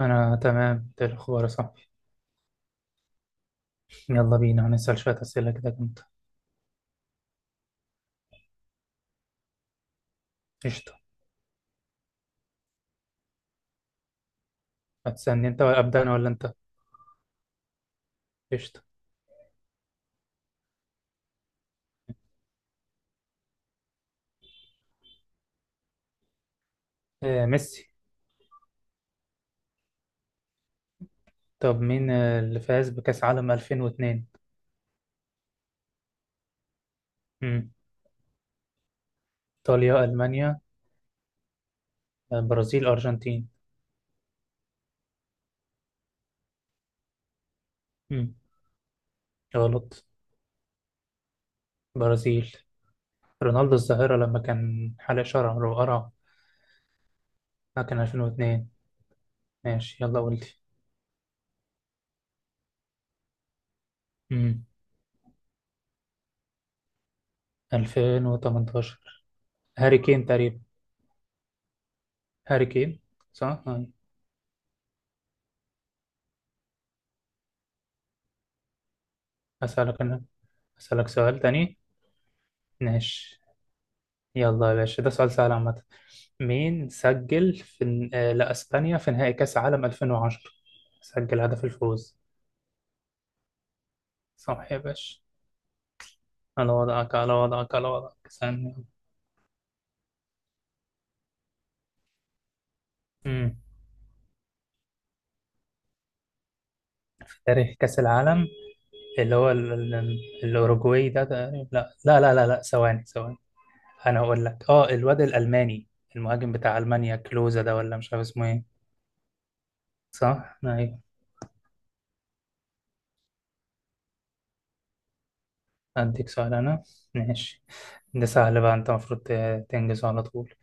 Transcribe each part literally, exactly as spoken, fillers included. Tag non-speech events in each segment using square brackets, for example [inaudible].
أنا تمام، ده الأخبار يا صاحبي. يلا بينا، هنسأل شوية أسئلة كده جامدة. قشطة. هتسألني أنت ولا أبدأ أنا ولا أنت؟ قشطة. آه، ميسي. طب مين آه، اللي فاز بكأس عالم ألفين واتنين؟ مم. إيطاليا، ألمانيا، آه، برازيل، أرجنتين؟ مم. غلط. برازيل. رونالدو الظاهرة لما كان حلق شعره وقرع. ده كان ألفين واتنين. ماشي، يلا قول لي. مم. ألفين وثمانية عشر، هاري كين تقريبا. هاري كين، صح؟ آه. أسألك أنا. أسألك سؤال تاني. ماشي. يلا يا باشا، ده سؤال سهل عامة. مين سجل في الن- آه، لأسبانيا في نهائي كأس عالم ألفين وعشرة؟ سجل هدف الفوز. صح يا باشا. على وضعك، على وضعك، على وضعك ثانية. امم تاريخ كأس العالم. اللي هو ال... ال... الأوروجواي ده تقريبا. لا لا لا لا لا، ثواني ثواني. أنا أقول لك أه الواد الألماني، المهاجم بتاع ألمانيا، كلوزا ده، ولا مش عارف اسمه إيه. صح؟ أيوه. أديك سؤال أنا. ماشي. ده سهل بقى، أنت المفروض ت- تنجزه على طول.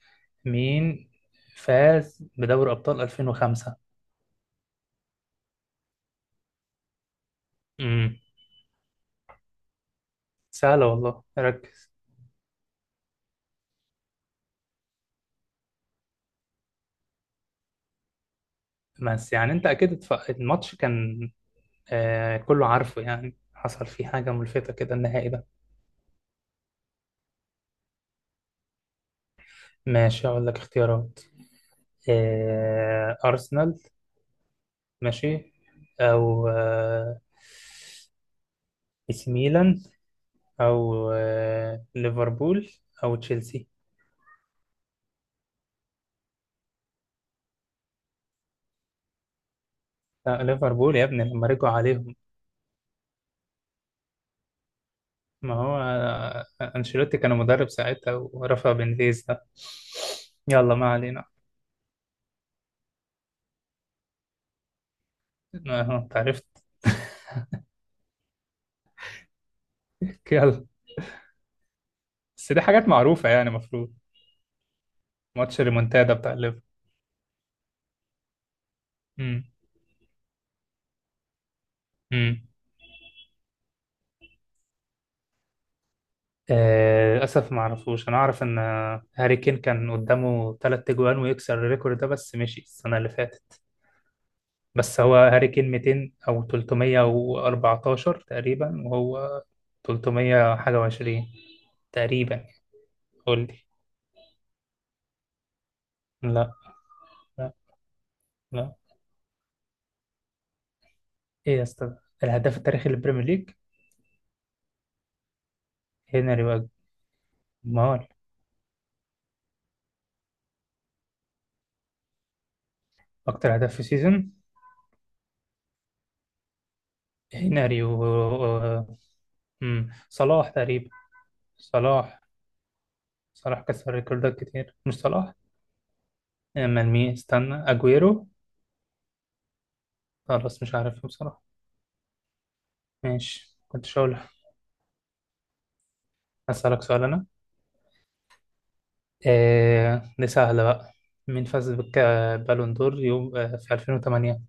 مين فاز بدوري أبطال ألفين وخمسة؟ امم سهلة والله، ركز. بس يعني أنت أكيد اتف- الماتش كان، آه كله عارفه يعني، حصل فيه حاجة ملفتة كده النهائي ده. ماشي، أقول لك اختيارات. آه أرسنال. ماشي. أو آه إيسي ميلان. أو آه ليفربول. أو تشيلسي. لا، ليفربول يا ابني لما رجعوا عليهم. ما هو أنشيلوتي كان مدرب ساعتها ورفع بنفيز ده. يلا، ما علينا. أهو، أنت عرفت. [laughs] يلا. بس دي حاجات معروفة يعني المفروض. ماتش الريمونتادا بتاع ليفربول. امم امم آه، للأسف ما أعرفوش. أنا أعرف إن هاري كين كان قدامه تلات تجوان ويكسر الريكورد ده، بس مشي السنة اللي فاتت. بس هو هاري كين ميتين أو ثلاثمئة وأربعة عشر تقريبا، وهو تلتمية حاجة وعشرين تقريبا. قول لي. لا، لا، لا. ايه يا اسطى، الهداف التاريخي للبريمير ليج؟ هنري وجمال. اكتر هداف في السيزون. هنري و و- مم. صلاح تقريبا. صلاح. صلاح كسر ريكوردات كتير، مش صلاح. امال مين؟ استنى، اجويرو؟ خلاص مش عارف بصراحة. ماشي، كنت شاول. اسالك سؤال انا. آه دي سهلة بقى. مين فاز بالون دور يوم آه في ألفين وثمانية؟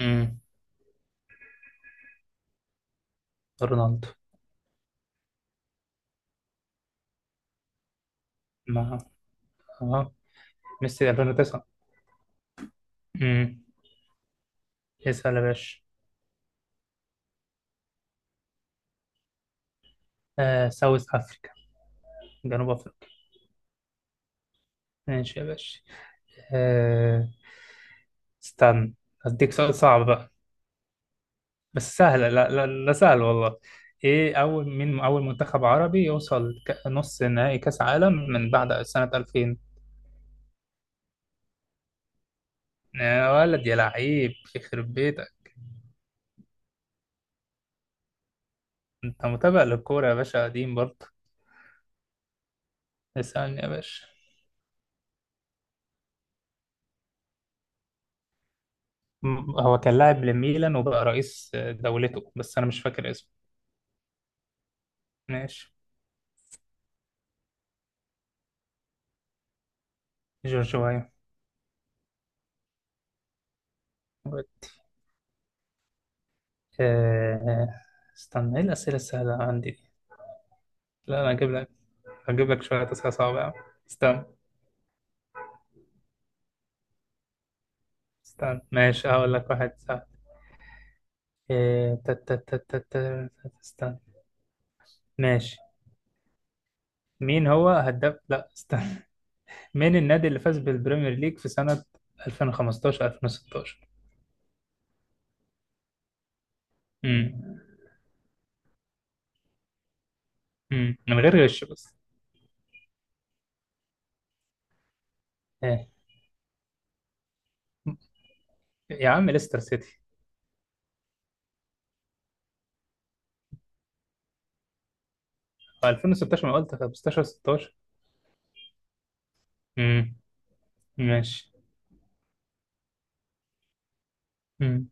امم رونالدو. مع. اه. ميسي ألفين وتسعة. امم اسال يا باشا. آه ساوث افريقيا، جنوب أفريقيا. ماشي يا باشا. آه، استنى، أديك سؤال صعب بقى. بس سهلة، لا، لا، لا سهل والله. إيه أول مين أول منتخب عربي يوصل ك- نص نهائي كأس عالم من بعد سنة ألفين؟ يا ولد يا لعيب، يخرب بيتك. أنت متابع للكورة يا باشا، قديم برضه. اسألني يا باشا. م- هو كان لاعب لميلان وبقى رئيس دولته، بس أنا مش فاكر اسمه. ماشي. جورج وايو. آه، استنى، إيه الأسئلة السهلة عندي. لا، انا هجيب لك. هجيب لك شويه اسئله صعبه يا عم. استنى، استنى. ماشي، هقول لك واحد سهل. إيه، تا- تا- تا- تا- تا- استنى. ماشي. مين هو هداف، لا، استنى. مين النادي اللي فاز بالبريمير ليج في سنه ألفين وخمستاشر ألفين وستاشر؟ امم امم من غير غش بس. ايه يا عم، ليستر سيتي. هو ألفين وستاشر، ما قلت خمستاشر ستاشر. امم ماشي. امم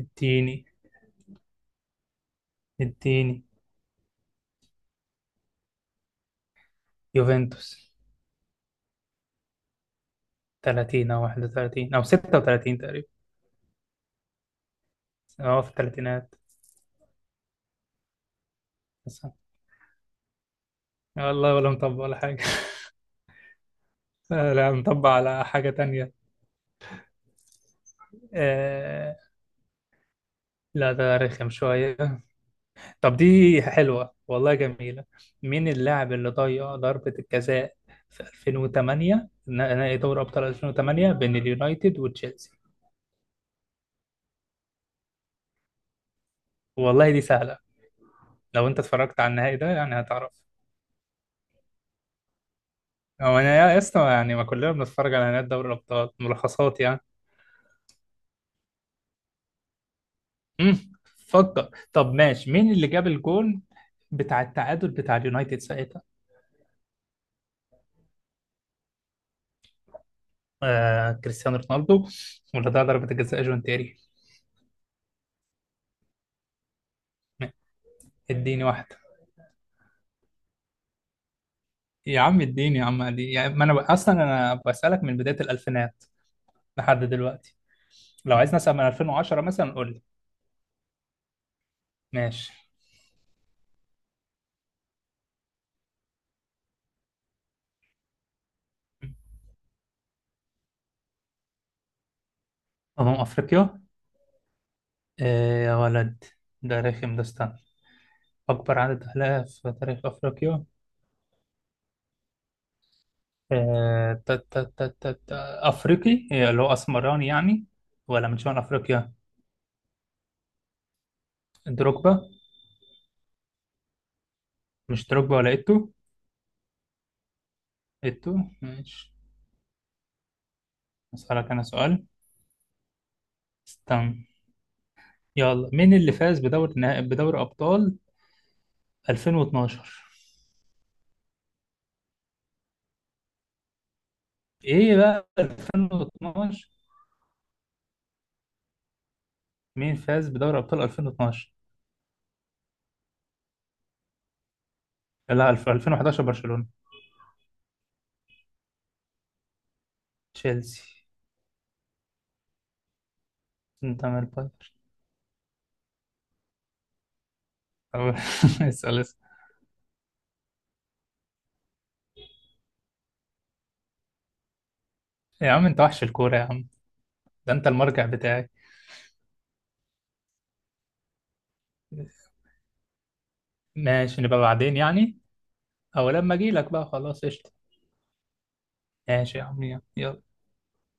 اديني، اديني. يوفنتوس. ثلاثين او واحد وثلاثين او ستة وثلاثين تقريبا. اه في الثلاثينات. آه، والله ولا مطبق ولا حاجة. [laughs] لا، مطبق على حاجة تانية. آه. لا، ده رخم شوية. طب دي حلوة والله، جميلة. مين اللاعب اللي ضيع ضربة الجزاء في ألفين وتمنية، نا- نهائي دوري أبطال ألفين وثمانية بين اليونايتد وتشيلسي؟ والله دي سهلة. لو أنت اتفرجت على النهائي ده يعني هتعرف. هو أنا يا اسطى يعني، ما كلنا بنتفرج على نهائي دوري الأبطال ملخصات يعني. مم. فكر. طب ماشي، مين اللي جاب الجون بتاع التعادل بتاع اليونايتد ساعتها؟ آه كريستيانو رونالدو. ولا ده ضربة الجزاء، جون تيري. اديني واحدة. يا عم اديني يا عم علي، يعني ما انا ب- اصلا انا بسألك من بداية الالفينات لحد دلوقتي. لو عايز نسأل من ألفين وعشرة مثلا قول لي. ماشي. أمم أفريقيا. آه يا ولد، ده رخم، ده استنى. أكبر عدد أهداف في تاريخ أفريقيا. آه تا تا تا تا تا أفريقي، آه، اللي هو أسمراني يعني، ولا من شمال أفريقيا؟ دروجبا. مش دروجبا ولا إيتو؟ إيتو. ماشي، أسألك أنا سؤال. استنى. يلا، مين اللي فاز بدوري نهائي بدوري ابطال ألفين واثنا عشر؟ ايه بقى ألفين واتناشر؟ مين فاز بدوري ابطال ألفين واتناشر؟ لا، الف- ألفين وحداشر برشلونة. تشيلسي. انت مال باير أو- [laughs] اسال، اسال. يا عم انت وحش الكورة يا عم. ده انت المرجع بتاعي. ماشي، نبقى بعدين يعني. او لما اجي لك بقى، خلاص قشطة. ماشي يا عم، يلا.